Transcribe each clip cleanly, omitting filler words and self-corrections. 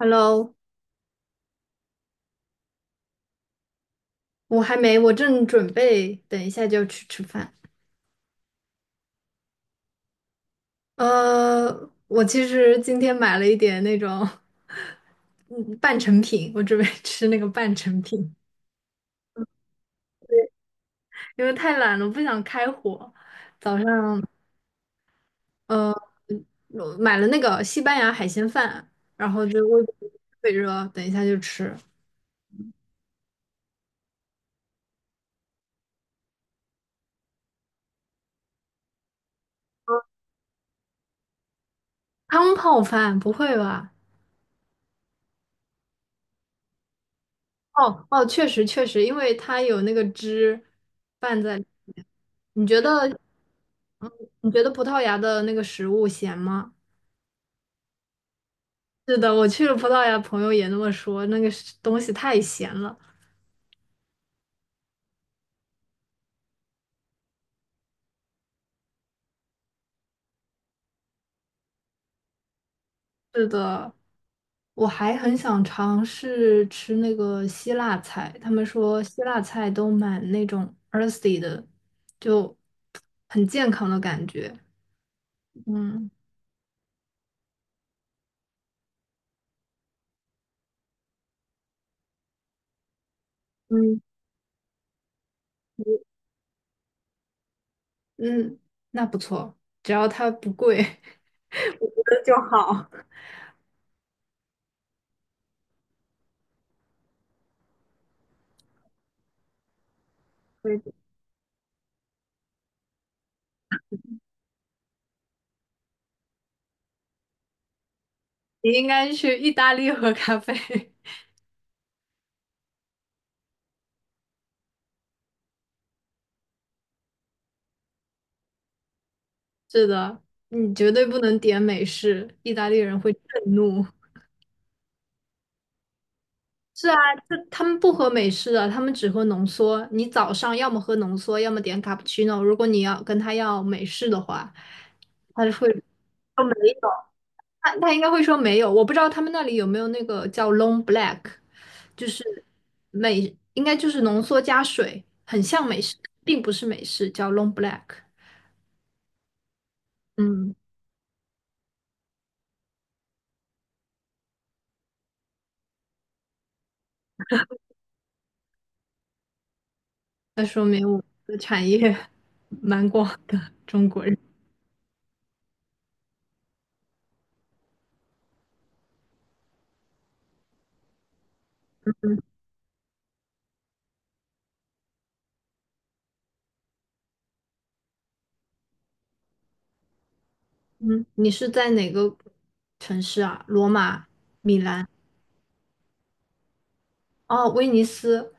Hello，我还没，我正准备等一下就要去吃饭。我其实今天买了一点那种，嗯，半成品，我准备 吃那个半成品，因为太懒了，我不想开火。早上，呃，我买了那个西班牙海鲜饭，然后就微波特热，等一下就吃。汤泡饭，不会吧？哦哦，确实确实，因为它有那个汁拌在。你觉得，嗯，你觉得葡萄牙的那个食物咸吗？是的，我去了葡萄牙，朋友也那么说，那个是东西太咸了。是的，我还很想尝试吃那个希腊菜，他们说希腊菜都蛮那种 earthy 的，就很健康的感觉。嗯嗯嗯，嗯那不错，只要它不贵 就好。对。你应该去意大利喝咖啡。是的，你绝对不能点美式，意大利人会震怒。是啊，这他们不喝美式的，他们只喝浓缩。你早上要么喝浓缩，要么点卡布奇诺。如果你要跟他要美式的话，他就会说没有，他应该会说没有。我不知道他们那里有没有那个叫 long black，就是美，应该就是浓缩加水，很像美式，并不是美式，叫 long black。嗯。那说明我们的产业 蛮广的，中国人。嗯，你是在哪个城市啊？罗马、米兰？哦，威尼斯。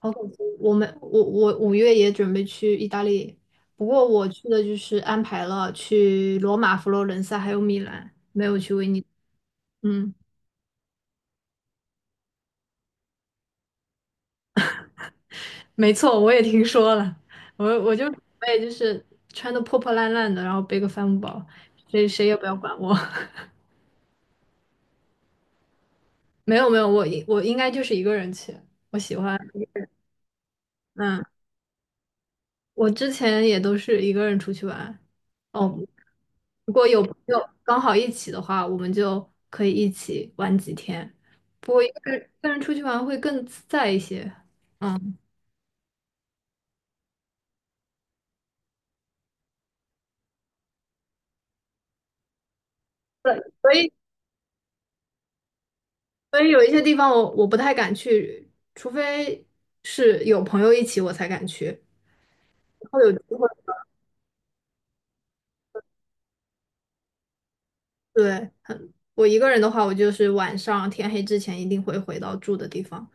好恐怖！我们5月也准备去意大利，不过我去的就是安排了去罗马、佛罗伦萨还有米兰，没有去威尼斯。嗯，没错，我也听说了。我就准备就是穿的破破烂烂的，然后背个帆布包，谁也不要管我。没有没有，我应该就是一个人去，我喜欢。嗯，我之前也都是一个人出去玩。哦，如果有朋友刚好一起的话，我们就可以一起玩几天。不过一个人出去玩会更自在一些。嗯，对，所以所以有一些地方我不太敢去，除非是有朋友一起我才敢去。然后有机会。对，我一个人的话，我就是晚上天黑之前一定会回到住的地方。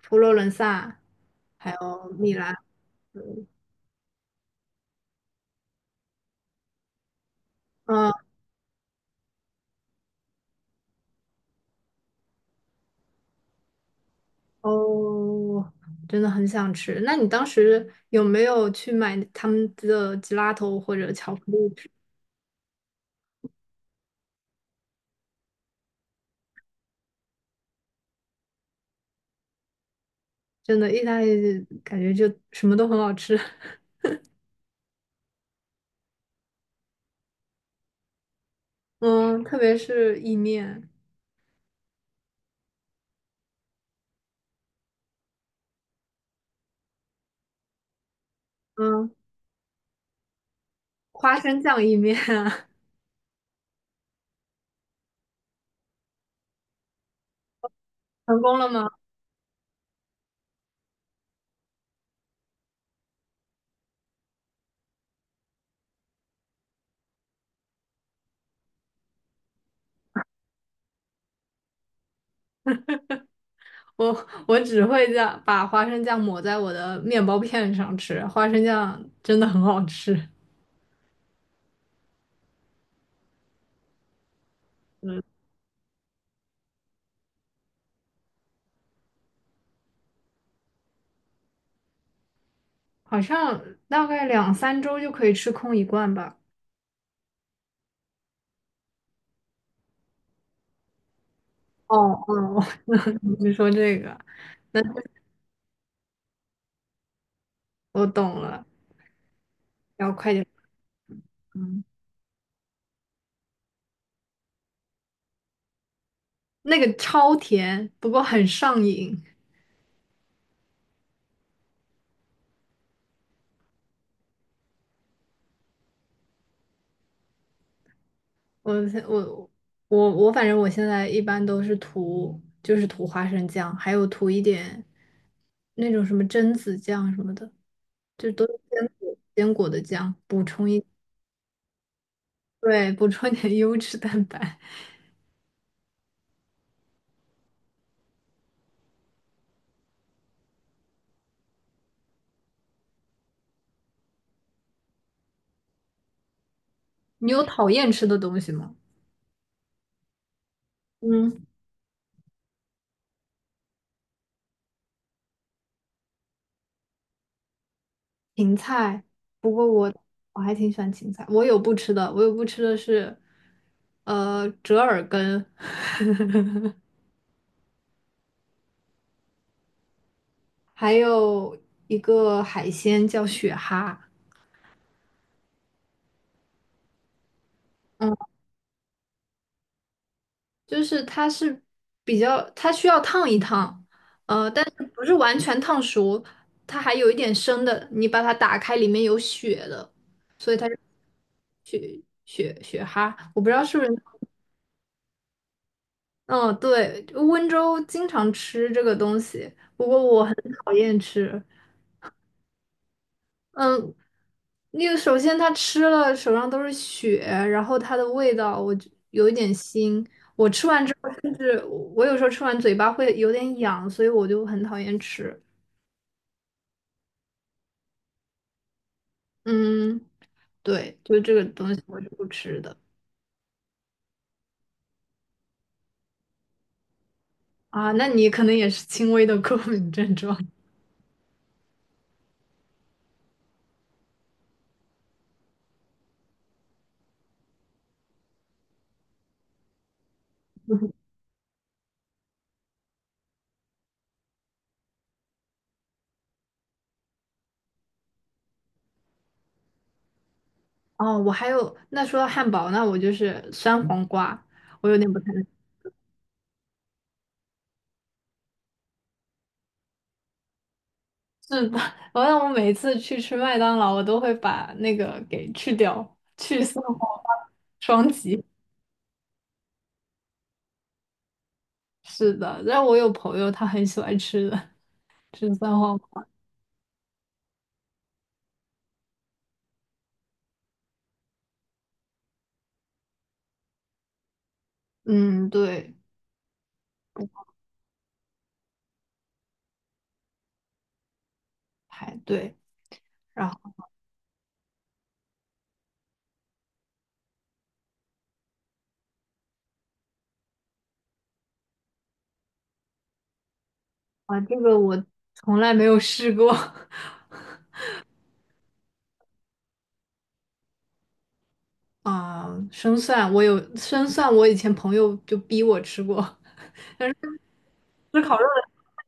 佛罗伦萨，还有米兰。嗯，哦，真的很想吃。那你当时有没有去买他们的吉拉头或者巧克力吃？真的，意大利感觉就什么都很好吃。嗯，特别是意面，嗯，花生酱意面啊 成功了吗？我只会这样把花生酱抹在我的面包片上吃，花生酱真的很好吃。嗯。好像大概两三周就可以吃空一罐吧。哦哦，你是说这个？那我懂了，要快点。嗯，那个超甜，不过很上瘾。我现我我，反正我现在一般都是涂，就是涂花生酱，还有涂一点那种什么榛子酱什么的，就都是坚果的酱，补充一，对，补充一点优质蛋白。你有讨厌吃的东西吗？嗯。芹菜，不过我还挺喜欢芹菜。我有不吃的，我有不吃的是，折耳根，还有一个海鲜叫雪蛤。嗯，就是它是比较，它需要烫一烫，但是不是完全烫熟，它还有一点生的。你把它打开，里面有血的雪蛤，我不知道是不是。嗯，对，温州经常吃这个东西，不过我很讨厌吃。嗯，那个首先他吃了手上都是血，然后它的味道我就有一点腥。我吃完之后，甚至我有时候吃完嘴巴会有点痒，所以我就很讨厌吃。嗯，对，就这个东西我是不吃的啊。那你可能也是轻微的过敏症状。哦，我还有，那说到汉堡，那我就是酸黄瓜，我有点不太。能。是的，好像我每次去吃麦当劳，我都会把那个给去掉，去丝滑双击。是的，但我有朋友他很喜欢吃的，吃三花黄。嗯，对，排队。然后啊，这个我从来没有试过。啊，生蒜我有生蒜，我以前朋友就逼我吃过，吃烤肉的，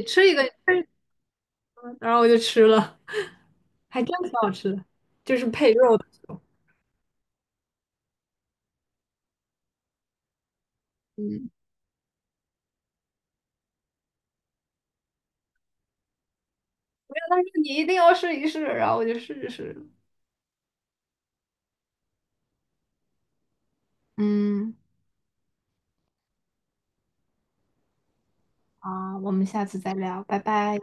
你吃一个，你吃一个，然后我就吃了，还真挺好吃的，就是配肉的时候嗯。他说你一定要试一试，然后我就试一试了嗯，好，我们下次再聊，拜拜。